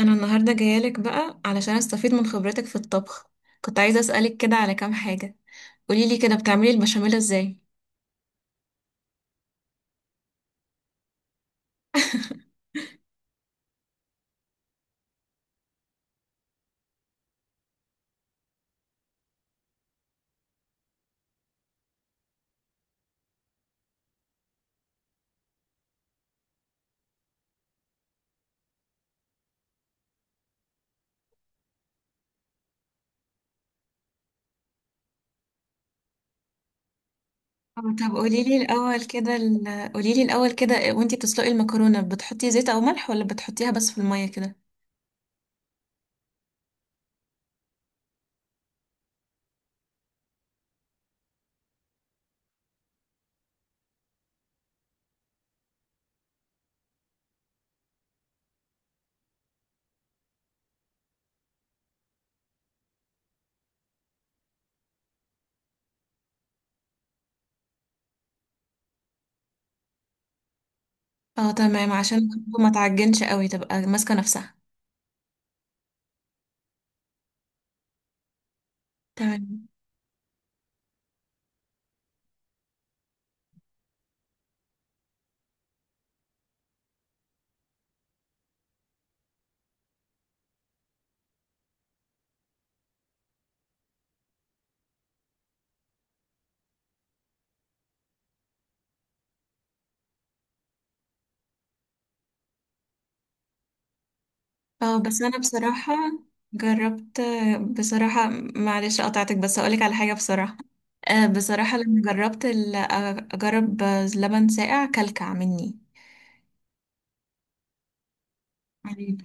انا النهارده جايالك بقى علشان استفيد من خبرتك في الطبخ. كنت عايزه اسالك كده على كام حاجه. قوليلي كده بتعملي البشاميل ازاي؟ طب قوليلي الاول كده وانتي بتسلقي المكرونه، بتحطي زيت او ملح ولا بتحطيها بس في الميه كده؟ اه، تمام، عشان برضه ما تعجنش قوي تبقى ماسكه نفسها. تمام. اه بس انا بصراحة جربت. بصراحة، معلش قطعتك بس هقولك على حاجة. بصراحة، بصراحة لما جربت اجرب لبن ساقع كلكع مني. عجيب.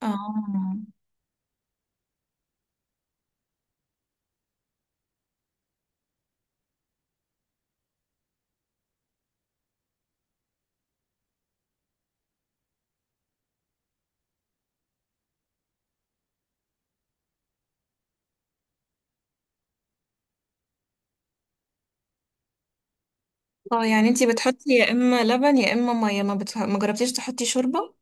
اه اه، يعني انتي بتحطي يا اما لبن يا اما مية، ما جربتيش تحطي شوربة؟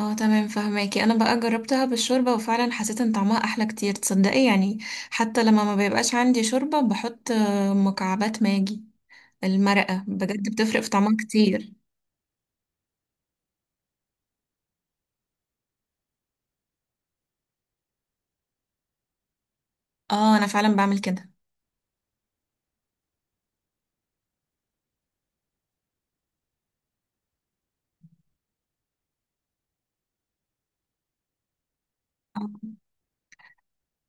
اه تمام، فهماكي. انا بقى جربتها بالشوربة وفعلا حسيت ان طعمها احلى كتير، تصدقي يعني. حتى لما ما بيبقاش عندي شوربة بحط مكعبات ماجي. المرقة بجد بتفرق في طعمها كتير. اه، انا فعلا بعمل كده. آه.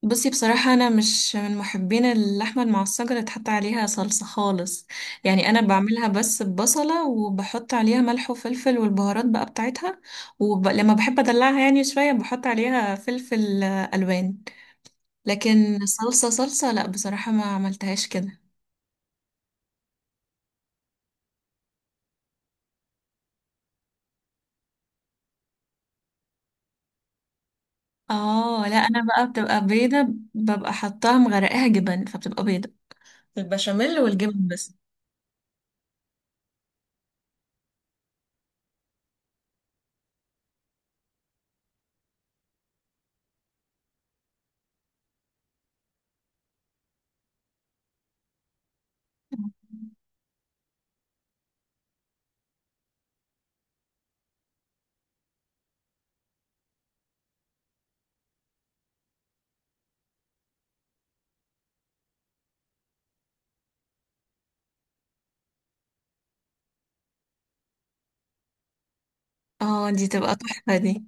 بصي، بصراحة انا مش من محبين اللحمة المعصجة اللي تحط عليها صلصة خالص. يعني انا بعملها بس ببصلة وبحط عليها ملح وفلفل والبهارات بقى بتاعتها. ولما بحب ادلعها يعني شوية بحط عليها فلفل الوان. لكن صلصة صلصة لا بصراحة ما عملتهاش كده. اه لا، انا بقى بتبقى بيضة. ببقى حطاها مغرقاها جبن فبتبقى بيضة. البشاميل والجبن بس. اه، دي تبقى تحفة دي.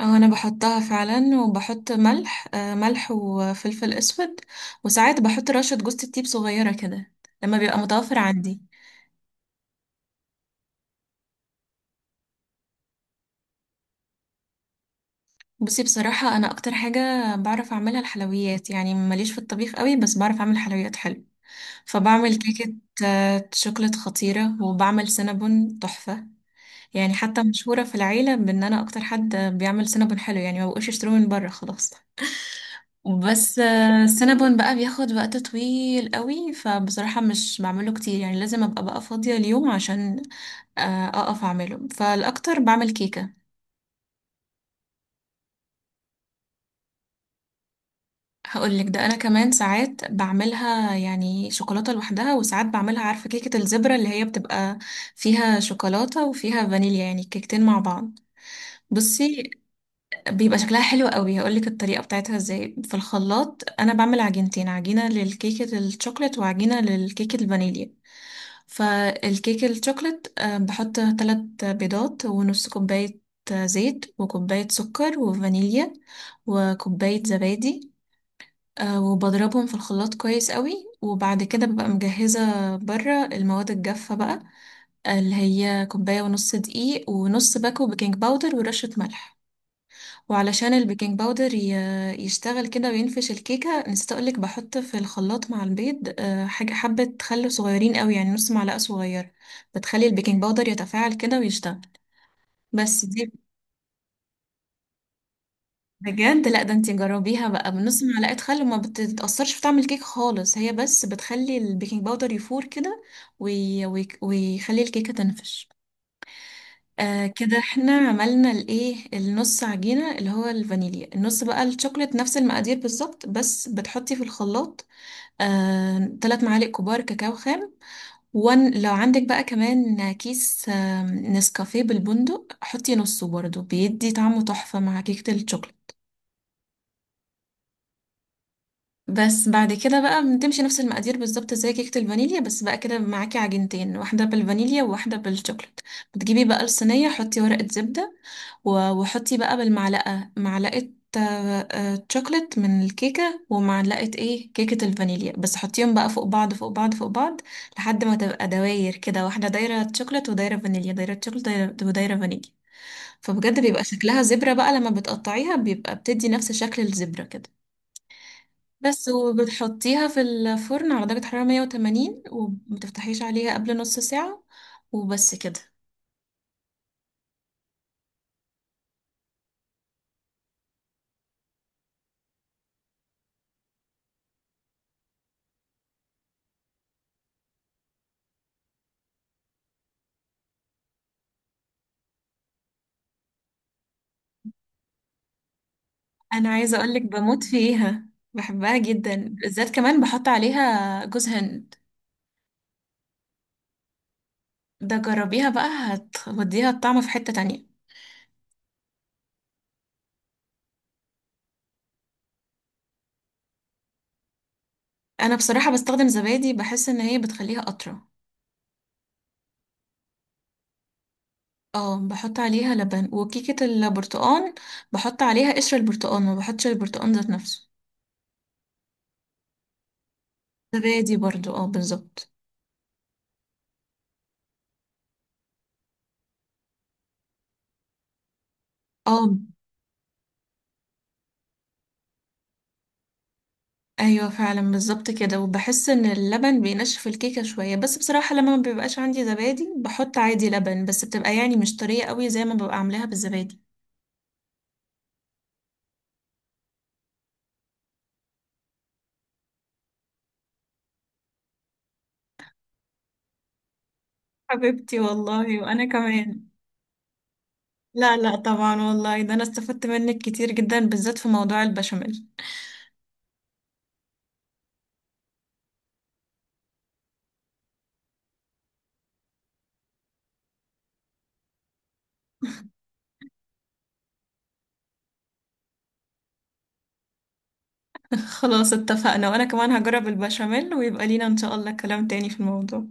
أو انا بحطها فعلا، وبحط ملح وفلفل اسود. وساعات بحط رشة جوز الطيب صغيرة كده لما بيبقى متوفر عندي. بصي، بصراحة انا اكتر حاجة بعرف اعملها الحلويات، يعني ماليش في الطبيخ قوي بس بعرف اعمل حلويات حلو. فبعمل كيكة شوكولات خطيرة، وبعمل سينابون تحفة. يعني حتى مشهورة في العيلة بان انا اكتر حد بيعمل سينابون حلو، يعني ما بقوش يشتروه من بره خلاص. بس السينابون بقى بياخد وقت طويل قوي، فبصراحة مش بعمله كتير يعني لازم ابقى بقى فاضية اليوم عشان اقف اعمله، فالاكتر بعمل كيكة. هقولك ده انا كمان ساعات بعملها يعني شوكولاتة لوحدها، وساعات بعملها عارفة كيكة الزبرة اللي هي بتبقى فيها شوكولاتة وفيها فانيليا يعني كيكتين مع بعض. بصي، بيبقى شكلها حلو قوي. هقولك الطريقة بتاعتها ازاي. في الخلاط انا بعمل عجينتين، عجينة للكيكة الشوكولات وعجينة للكيكة الفانيليا. فالكيك الشوكلت بحط 3 بيضات ونص كوباية زيت وكوباية سكر وفانيليا وكوباية زبادي. وبضربهم في الخلاط كويس قوي. وبعد كده ببقى مجهزة بره المواد الجافة بقى، اللي هي كوباية ونص دقيق ونص باكو بيكنج باودر ورشة ملح. وعلشان البيكنج باودر يشتغل كده وينفش الكيكة، نسيت أقولك بحط في الخلاط مع البيض حاجة حبة خل صغيرين قوي يعني نص معلقة صغيرة. بتخلي البيكنج باودر يتفاعل كده ويشتغل. بس دي بجد، لا ده انتي جربيها بقى بنص معلقة خل وما بتتأثرش في طعم الكيك خالص، هي بس بتخلي البيكنج باودر يفور كده ويخلي الكيكة تنفش. كده احنا عملنا الايه النص عجينة اللي هو الفانيليا، النص بقى الشوكولات نفس المقادير بالظبط بس بتحطي في الخلاط 3 معالق كبار كاكاو خام، وان لو عندك بقى كمان كيس نسكافيه بالبندق حطي نصه برضه بيدي طعمه تحفة مع كيكة الشوكولات. بس بعد كده بقى بتمشي نفس المقادير بالظبط زي كيكة الفانيليا، بس بقى كده معاكي عجينتين واحدة بالفانيليا وواحدة بالشوكولات. بتجيبي بقى الصينية، حطي ورقة زبدة وحطي بقى بالمعلقة معلقة آه، شوكولات من الكيكة ومعلقة ايه كيكة الفانيليا، بس حطيهم بقى فوق بعض فوق بعض فوق بعض لحد ما تبقى دواير كده، واحدة دايرة شوكولات ودايرة فانيليا دايرة شوكولات دايرة ودايرة فانيليا. فبجد بيبقى شكلها زبرة بقى لما بتقطعيها بيبقى بتدي نفس شكل الزبرة كده. بس، وبتحطيها في الفرن على درجة حرارة 180 ومتفتحيش عليها قبل نص ساعة. وبس كده. أنا عايزة أقولك بموت فيها. بحبها جدا، بالذات كمان بحط عليها جوز هند. ده جربيها بقى هتوديها الطعم في حتة تانية. أنا بصراحة بستخدم زبادي، بحس إن هي بتخليها أطرى. اه، بحط عليها لبن. وكيكة البرتقال بحط عليها قشر البرتقال، ما بحطش البرتقال ذات نفسه. زبادي برضو، اه بالظبط. اه، ايوه فعلا بالظبط كده. وبحس ان اللبن بينشف الكيكه شويه، بس بصراحه لما ما بيبقاش عندي زبادي بحط عادي لبن، بس بتبقى يعني مش طريه قوي زي ما ببقى عاملاها بالزبادي. حبيبتي والله، وانا كمان. لا لا، طبعا والله ده انا استفدت منك كتير جدا، بالذات في موضوع البشاميل. خلاص اتفقنا، وانا كمان هجرب البشاميل، ويبقى لينا ان شاء الله كلام تاني في الموضوع.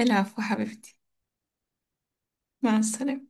العفو حبيبتي. مع السلامه.